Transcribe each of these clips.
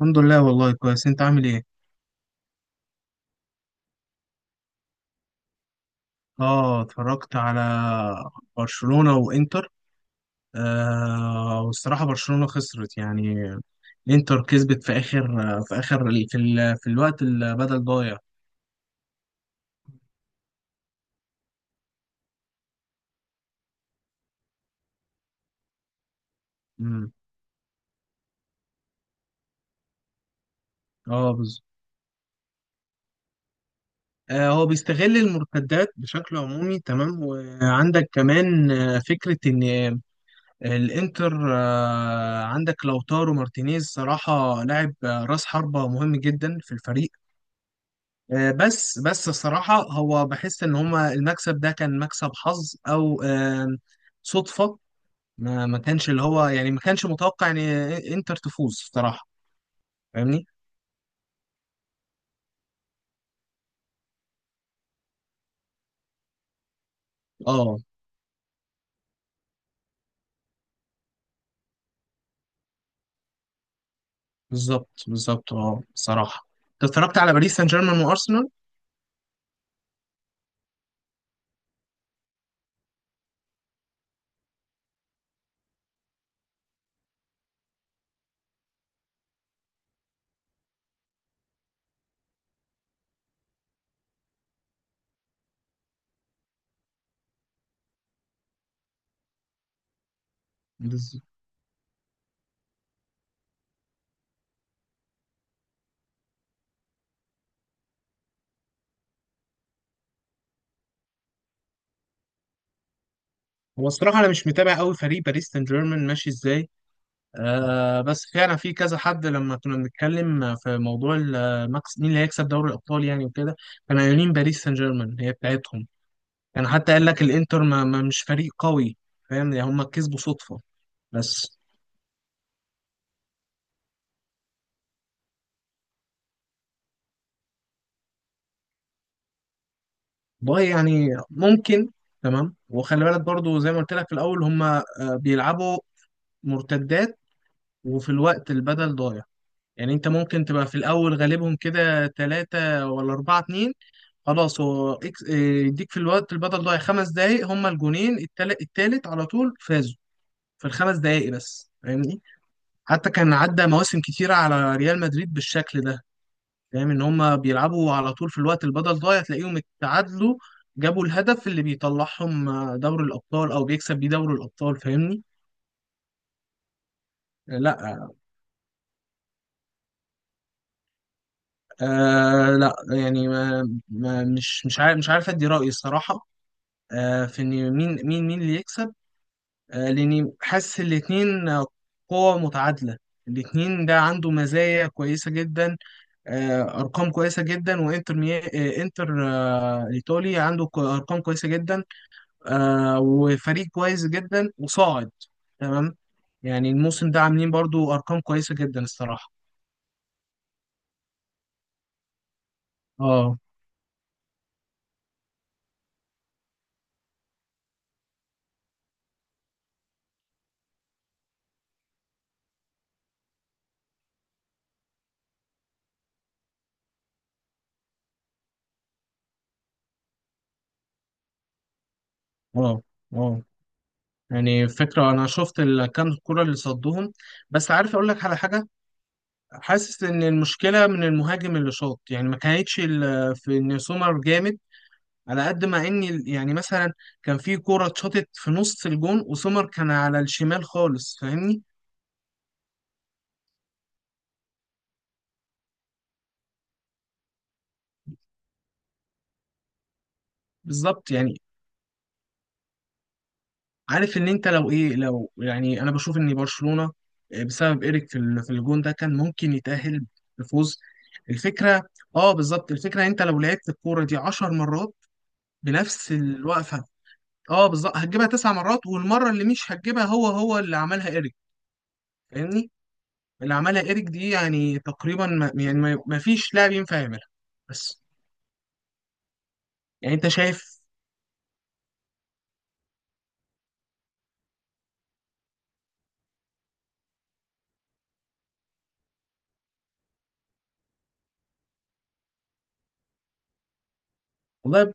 الحمد لله والله كويس. انت عامل ايه؟ اه، اتفرجت على برشلونة وانتر. آه والصراحة برشلونة خسرت يعني. انتر كسبت في اخر في اخر ال- في, ال... في الوقت البدل ضايع. امم. اه بالظبط. هو بيستغل المرتدات بشكل عمومي. تمام، وعندك كمان فكرة ان الانتر عندك لوتارو مارتينيز. صراحة لاعب راس حربة مهم جدا في الفريق. بس الصراحة هو بحس إن هما المكسب ده كان مكسب حظ أو صدفة. ما كانش اللي هو يعني ما كانش متوقع إن إنتر تفوز الصراحة. فاهمني؟ أه بالظبط، بالظبط، أه الصراحة. أنت اتفرجت على باريس سان جيرمان وأرسنال؟ بالظبط. هو الصراحة أنا مش متابع أوي فريق باريس سان جيرمان ماشي إزاي. آه بس فعلا في كذا حد لما كنا بنتكلم في موضوع مين اللي هيكسب دوري الأبطال يعني وكده. كانوا قايلين باريس سان جيرمان هي بتاعتهم. كان حتى قال لك الانتر مش فريق قوي. فاهم، يعني هم كسبوا صدفة بس. باي يعني ممكن. تمام، وخلي بالك برضو زي ما قلت لك في الاول هم بيلعبوا مرتدات. وفي الوقت البدل ضايع يعني انت ممكن تبقى في الاول غالبهم كده ثلاثة ولا أربعة اتنين. خلاص، هو إكس- إيه، يديك في الوقت البدل ضايع 5 دقايق. هم الجونين التالت على طول فازوا في الخمس دقايق بس فاهمني. حتى كان عدى مواسم كتيرة على ريال مدريد بالشكل ده. فاهم ان هم بيلعبوا على طول في الوقت البدل ضايع تلاقيهم اتعادلوا. جابوا الهدف اللي بيطلعهم دوري الابطال او بيكسب بيه دوري الابطال فاهمني. لا. لا يعني ما ما مش عارف، مش عارف ادي رايي الصراحه. آه في ان مين اللي يكسب. آه لاني حاسس الاثنين قوة متعادله. الاثنين ده عنده مزايا كويسه جدا. آه ارقام كويسه جدا. وانتر مي... آه انتر الايطالي عنده ارقام كويسه جدا. آه وفريق كويس جدا وصاعد. تمام. يعني الموسم ده عاملين برضو ارقام كويسه جدا الصراحه. اه، اه، اه، يعني فكره انا شفت كام كره اللي صدهم. بس عارف اقول لك على حاجه. حاسس ان المشكله من المهاجم اللي شاط، يعني ما كانتش في ان سومر جامد. على قد ما ان يعني مثلا كان في كره اتشاطت في نص الجون وسومر كان على الشمال خالص فاهمني. بالظبط. يعني عارف ان انت لو لو يعني انا بشوف ان برشلونة بسبب ايريك في في الجون ده كان ممكن يتأهل بفوز. الفكرة. اه بالظبط. الفكرة إن انت لو لعبت الكورة دي 10 مرات بنفس الوقفة. اه بالظبط، هتجيبها 9 مرات. والمرة اللي مش هتجيبها هو اللي عملها ايريك فاهمني. اللي عملها ايريك دي يعني تقريبا ما يعني ما ما فيش لاعب ينفع يعملها بس. يعني انت شايف. والله.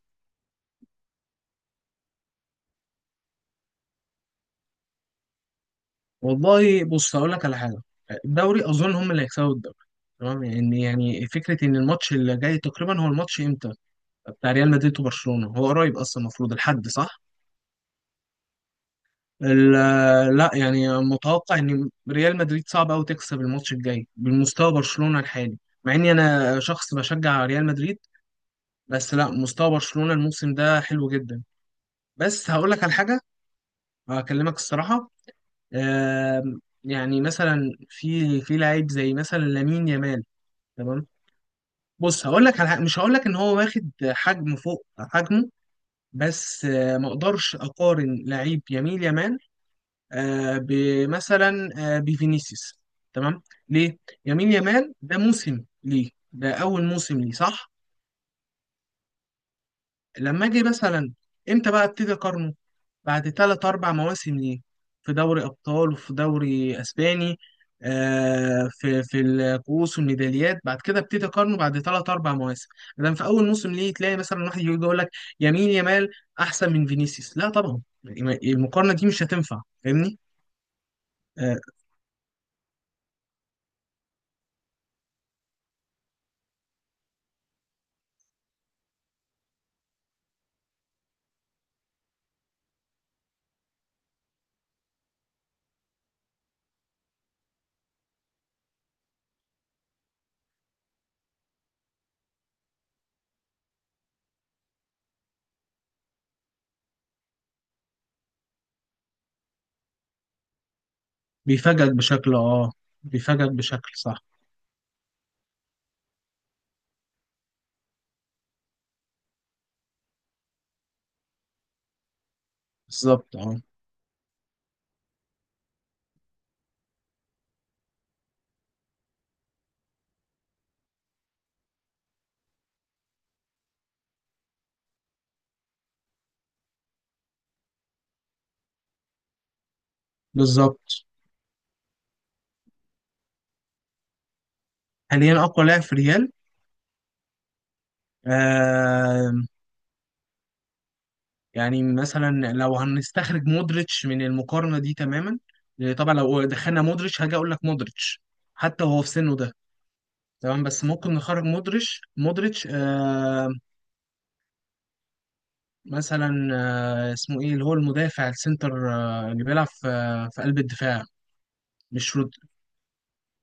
والله بص هقول لك على حاجه. الدوري اظن هم اللي هيكسبوا الدوري. تمام، ان يعني فكره ان الماتش اللي جاي تقريبا هو الماتش امتى بتاع ريال مدريد وبرشلونه، هو قريب اصلا. المفروض الحد، صح. لا يعني متوقع ان ريال مدريد صعب قوي تكسب الماتش الجاي بالمستوى برشلونه الحالي. مع اني انا شخص بشجع ريال مدريد. بس لا، مستوى برشلونه الموسم ده حلو جدا. بس هقول لك على حاجه، هكلمك الصراحه. يعني مثلا في لعيب زي مثلا لامين يامال. تمام. بص هقول لك على حاجة. مش هقول لك ان هو واخد حجم فوق حجمه، بس ما اقدرش اقارن لعيب يمين يامال بمثلا بفينيسيوس. تمام. ليه؟ يمين يامال ده موسم ليه، ده اول موسم ليه، صح؟ لما اجي مثلا امتى بقى ابتدي اقارنه؟ بعد ثلاث أربع مواسم ليه، في دوري أبطال وفي دوري أسباني، في الكؤوس والميداليات، بعد كده ابتدي أقارنه بعد ثلاث أربع مواسم. لأن في أول موسم ليه تلاقي مثلا واحد يجي يقول لك يمين يمال أحسن من فينيسيوس؟ لا طبعا. المقارنة دي مش هتنفع فاهمني. آه. بيفاجئك بشكل، أه. بيفاجئك بشكل، صح. بالظبط أه. بالظبط. حاليا أقوى لاعب في ريال. آه. يعني مثلا لو هنستخرج مودريتش من المقارنة دي تماما، لأن طبعا لو دخلنا مودريتش هاجي اقول لك مودريتش حتى وهو في سنه ده. تمام. بس ممكن نخرج مودريتش. مثلا اسمه ايه اللي هو المدافع السنتر اللي بيلعب في, في قلب الدفاع. مش رود.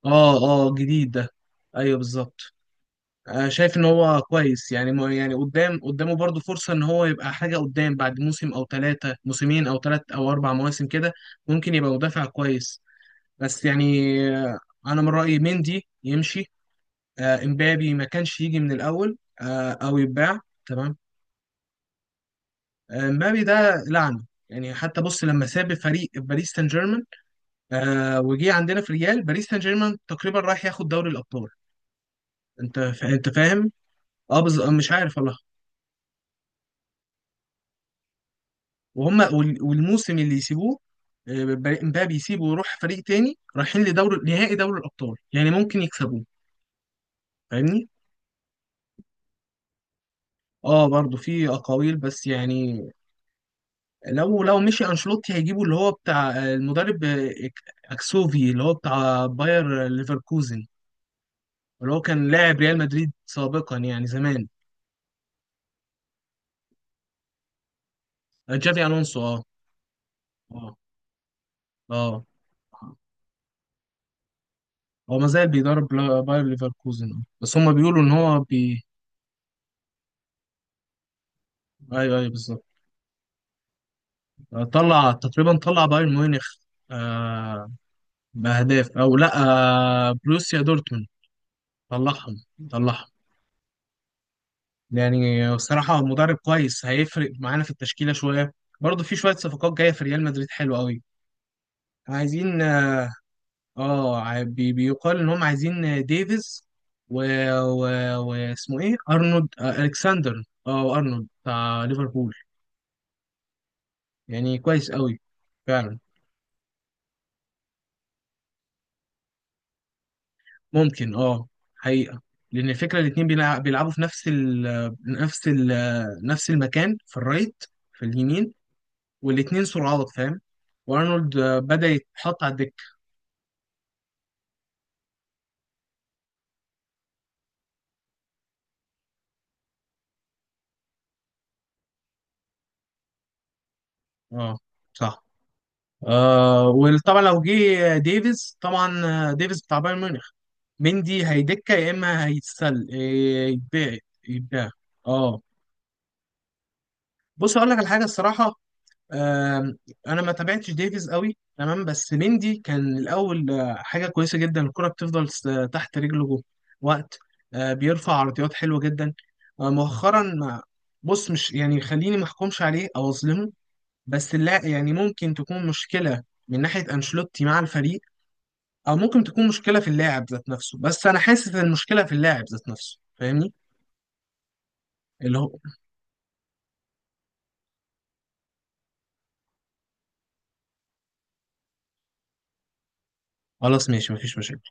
اه. اه، جديد ده. ايوه بالظبط. شايف ان هو كويس. يعني يعني قدامه برضه فرصة ان هو يبقى حاجة قدام بعد موسم او ثلاثة موسمين او ثلاث او اربع مواسم كده. ممكن يبقى مدافع كويس. بس يعني آه، انا من رايي مندي يمشي. امبابي ما كانش يجي من الاول او يتباع. تمام. امبابي ده لعنه. يعني حتى بص، لما ساب فريق باريس سان جيرمان وجي عندنا في ريال، باريس سان جيرمان تقريبا رايح ياخد دوري الابطال. انت فاهم. اه بز... آه، مش عارف والله. والموسم اللي يسيبوه امبابي يسيبه ويروح فريق تاني، رايحين لدوري نهائي دوري الابطال يعني ممكن يكسبوه فاهمني. اه برضو في اقاويل بس يعني لو لو مشي انشيلوتي هيجيبوا اللي هو بتاع المدرب اكسوفي اللي هو بتاع باير ليفركوزن اللي هو كان لاعب ريال مدريد سابقا يعني زمان. جافي الونسو. اه. اه. اه. آه. هو ما زال بيدرب باير ليفركوزن آه. بس هم بيقولوا ان هو بي. ايوه ايوه بالظبط. طلع تقريبا طلع بايرن ميونخ. آه باهداف او لا، آه بروسيا دورتموند. طلعهم. طلعهم. يعني بصراحة مدرب كويس هيفرق معانا في التشكيلة شوية. برضه في شوية صفقات جاية في ريال مدريد حلوة قوي. عايزين، اه بيقال ان هم عايزين ديفيز و... و... واسمه ايه ارنولد الكسندر اه ارنولد بتاع ليفربول. يعني كويس قوي. فعلا ممكن اه، حقيقة. لأن الفكرة الاتنين بيلعبوا في نفس ال نفس ال نفس المكان في الرايت، في اليمين. والاتنين سرعات فاهم. وارنولد بدأ يتحط على الدكة. اه صح. آه وطبعا لو جه ديفيز طبعا، ديفيز بتاع بايرن ميونخ، مندي هيدكه يا اما هيتسل يتباع. يتباع اه. بص اقول لك على حاجه الصراحه. آم، انا ما تابعتش ديفيز قوي، تمام، بس مندي كان الاول حاجه كويسه جدا. الكره بتفضل تحت رجله جوه وقت، بيرفع عرضيات حلوه جدا. آه، مؤخرا ما بص مش يعني خليني ما احكمش عليه او اظلمه. بس لا يعني ممكن تكون مشكلة من ناحية أنشيلوتي مع الفريق، أو ممكن تكون مشكلة في اللاعب ذات نفسه. بس أنا حاسس إن المشكلة في اللاعب ذات نفسه فاهمني. اللي هو خلاص ماشي، مفيش مشاكل.